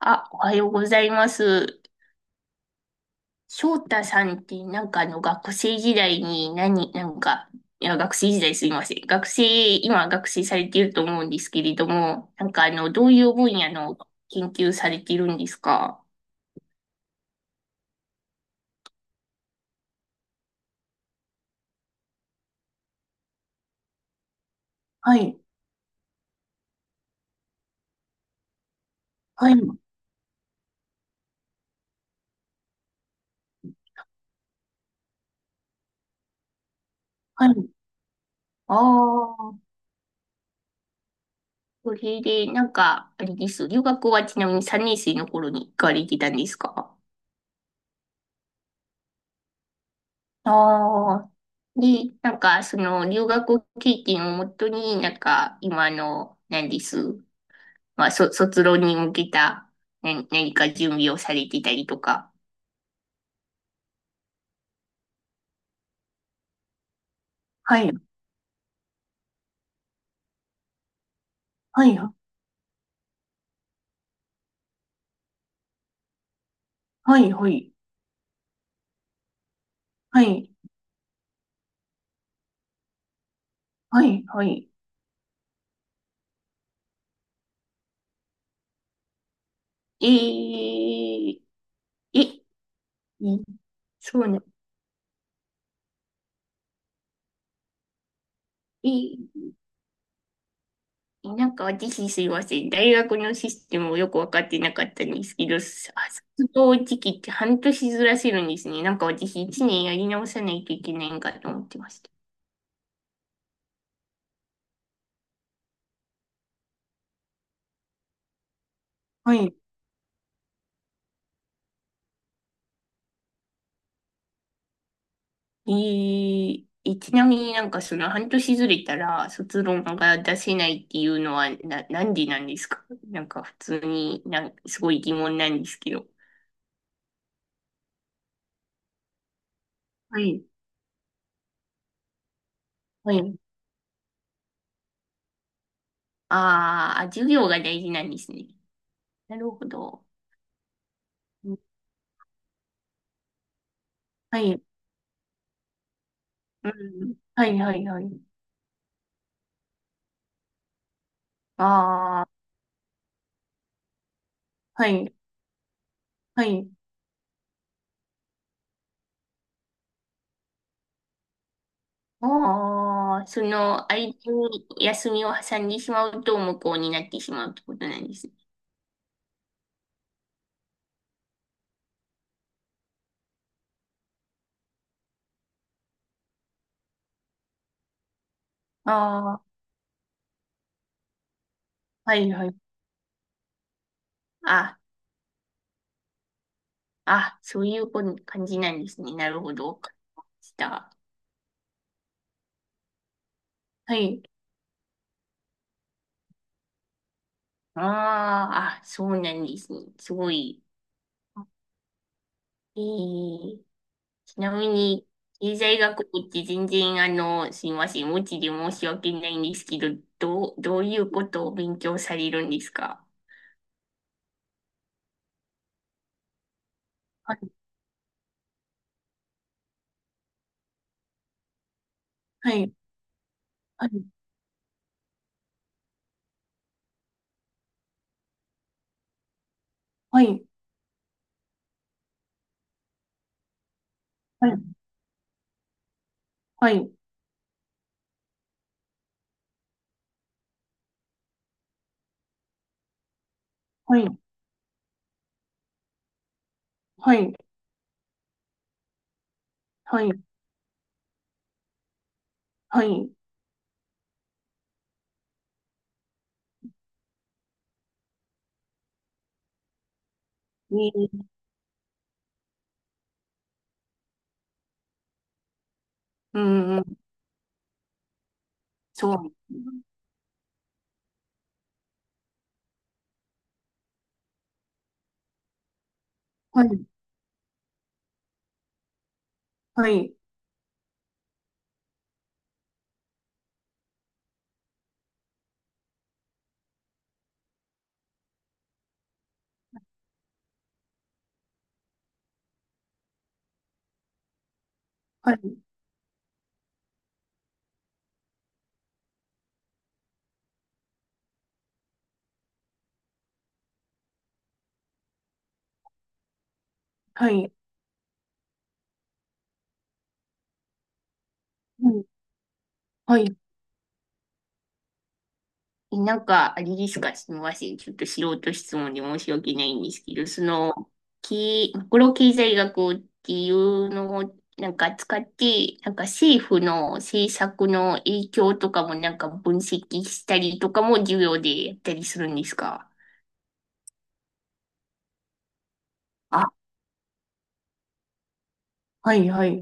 あ、おはようございます。翔太さんって学生時代に何、なんか、いや、学生時代すいません。今学生されていると思うんですけれども、どういう分野の研究されているんですか？はい、はい、はい。ああ、それであれです。留学はちなみに3年生の頃に行かれてたんですか？ああ。で、留学経験をもとに、なんか、今の、何です。まあ、卒論に向けた、何か準備をされてたりとか。はい、はい、はい、はい、はい、はい、はい。えええ、えそうな、え私すいません。大学のシステムをよくわかってなかったんですけど、卒業時期って半年ずらせるんですね。私一年やり直さないといけないんかと思ってました。はい。ちなみに半年ずれたら卒論が出せないっていうのはなんでなんですか？普通にすごい疑問なんですけど。はい。はい。あーあ、授業が大事なんですね。なるほど。うん、はい。うん。はい、はい、はい。ああ、はい、はい。ああ、間に休みを挟んでしまうと無効になってしまうってことなんですね。ああ、はい、はい。あ、そういう感じなんですね。なるほど。わかりました。はい。そうなんですね。すごい。えー、ちなみに、経済学部って全然、すいません。無知で申し訳ないんですけど、どういうことを勉強されるんですか？はい、はい。はい、はい、はい、はい、はい、はい、はい、に、うん、うん、そう。はい、はい、はい、はい、うん、はい。あれですか、すみません。ちょっと素人質問で申し訳ないんですけど、マクロ経済学っていうのを使って、政府の政策の影響とかも分析したりとかも授業でやったりするんですか？あ、はい、はい。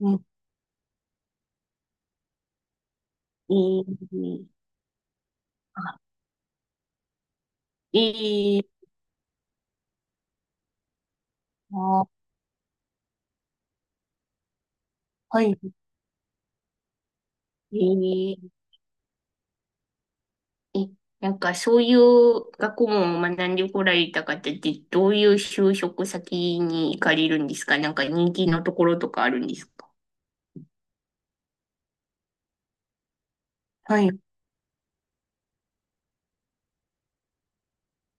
うん、えーあ、いいな。はい。ええ、そういう学問を学んでこられた方ってどういう就職先に行かれるんですか？人気のところとかあるんですか？はい。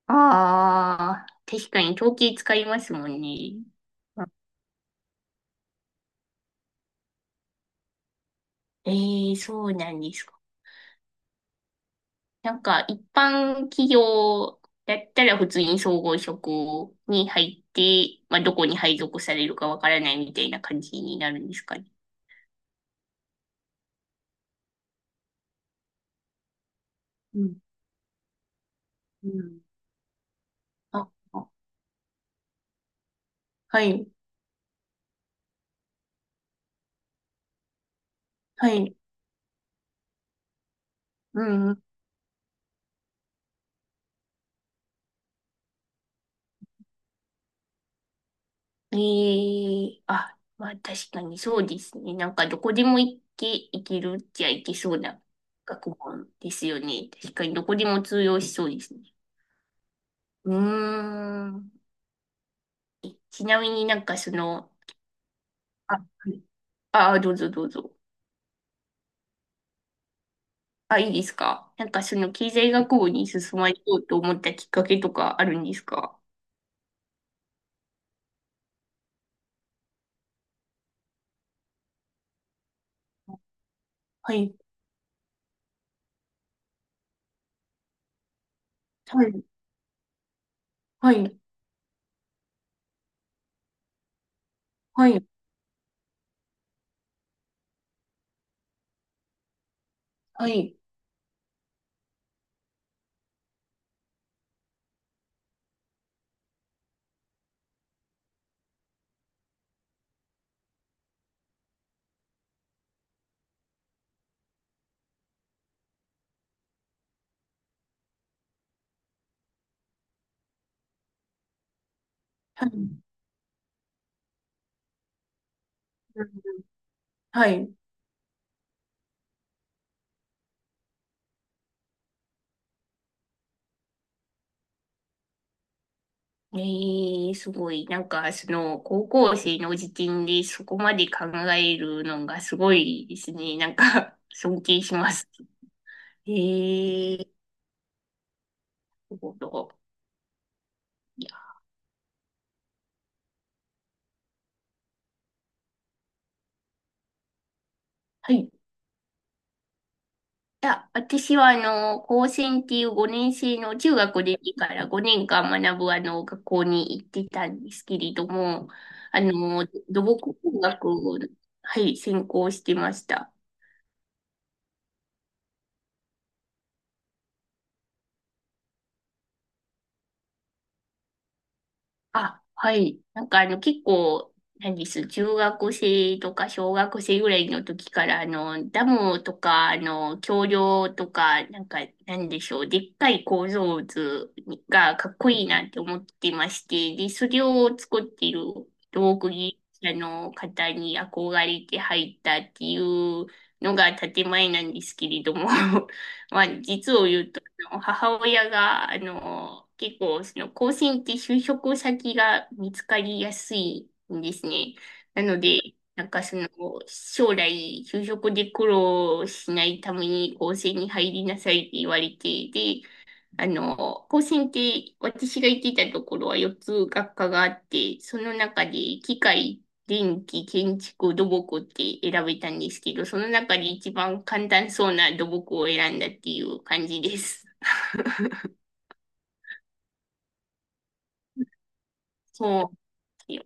ああ、確かに統計使いますもんね。ええ、そうなんですか？一般企業だったら普通に総合職に入って、まあ、どこに配属されるかわからないみたいな感じになるんですかね？うん。あ、あはい、はい。うん。えまあ、確かにそうですね。どこでも行け、行けるっちゃ行けそうな学問ですよね。確かにどこでも通用しそうですね。うーん。ちなみにあ、はい、あ、どうぞどうぞ。あ、いいですか？経済学部に進まれようと思ったきっかけとかあるんですか？はい、はい、はい、はい、はい、はい。はい、はい。ええ、すごい。高校生の時点でそこまで考えるのがすごいですね。尊敬します。ええ、なるほど。いや、はい。いや、私は、高専っていう5年生の中学でいいから5年間学ぶ、学校に行ってたんですけれども、土木工学を、はい、専攻してました。あ、はい。結構、何です、中学生とか小学生ぐらいの時から、ダムとか、橋梁とか、なんでしょう、でっかい構造図がかっこいいなって思ってまして、で、それを作っている道具技者の方に憧れて入ったっていうのが建前なんですけれども、まあ、実を言うと母親が、結構、高専って就職先が見つかりやすいんですね。なので、なんかその、将来、就職で苦労しないために高専に入りなさいって言われて、で、高専って、私が行ってたところは4つ学科があって、その中で、機械、電気、建築、土木って選べたんですけど、その中で一番簡単そうな土木を選んだっていう感じです。そうなんですよ。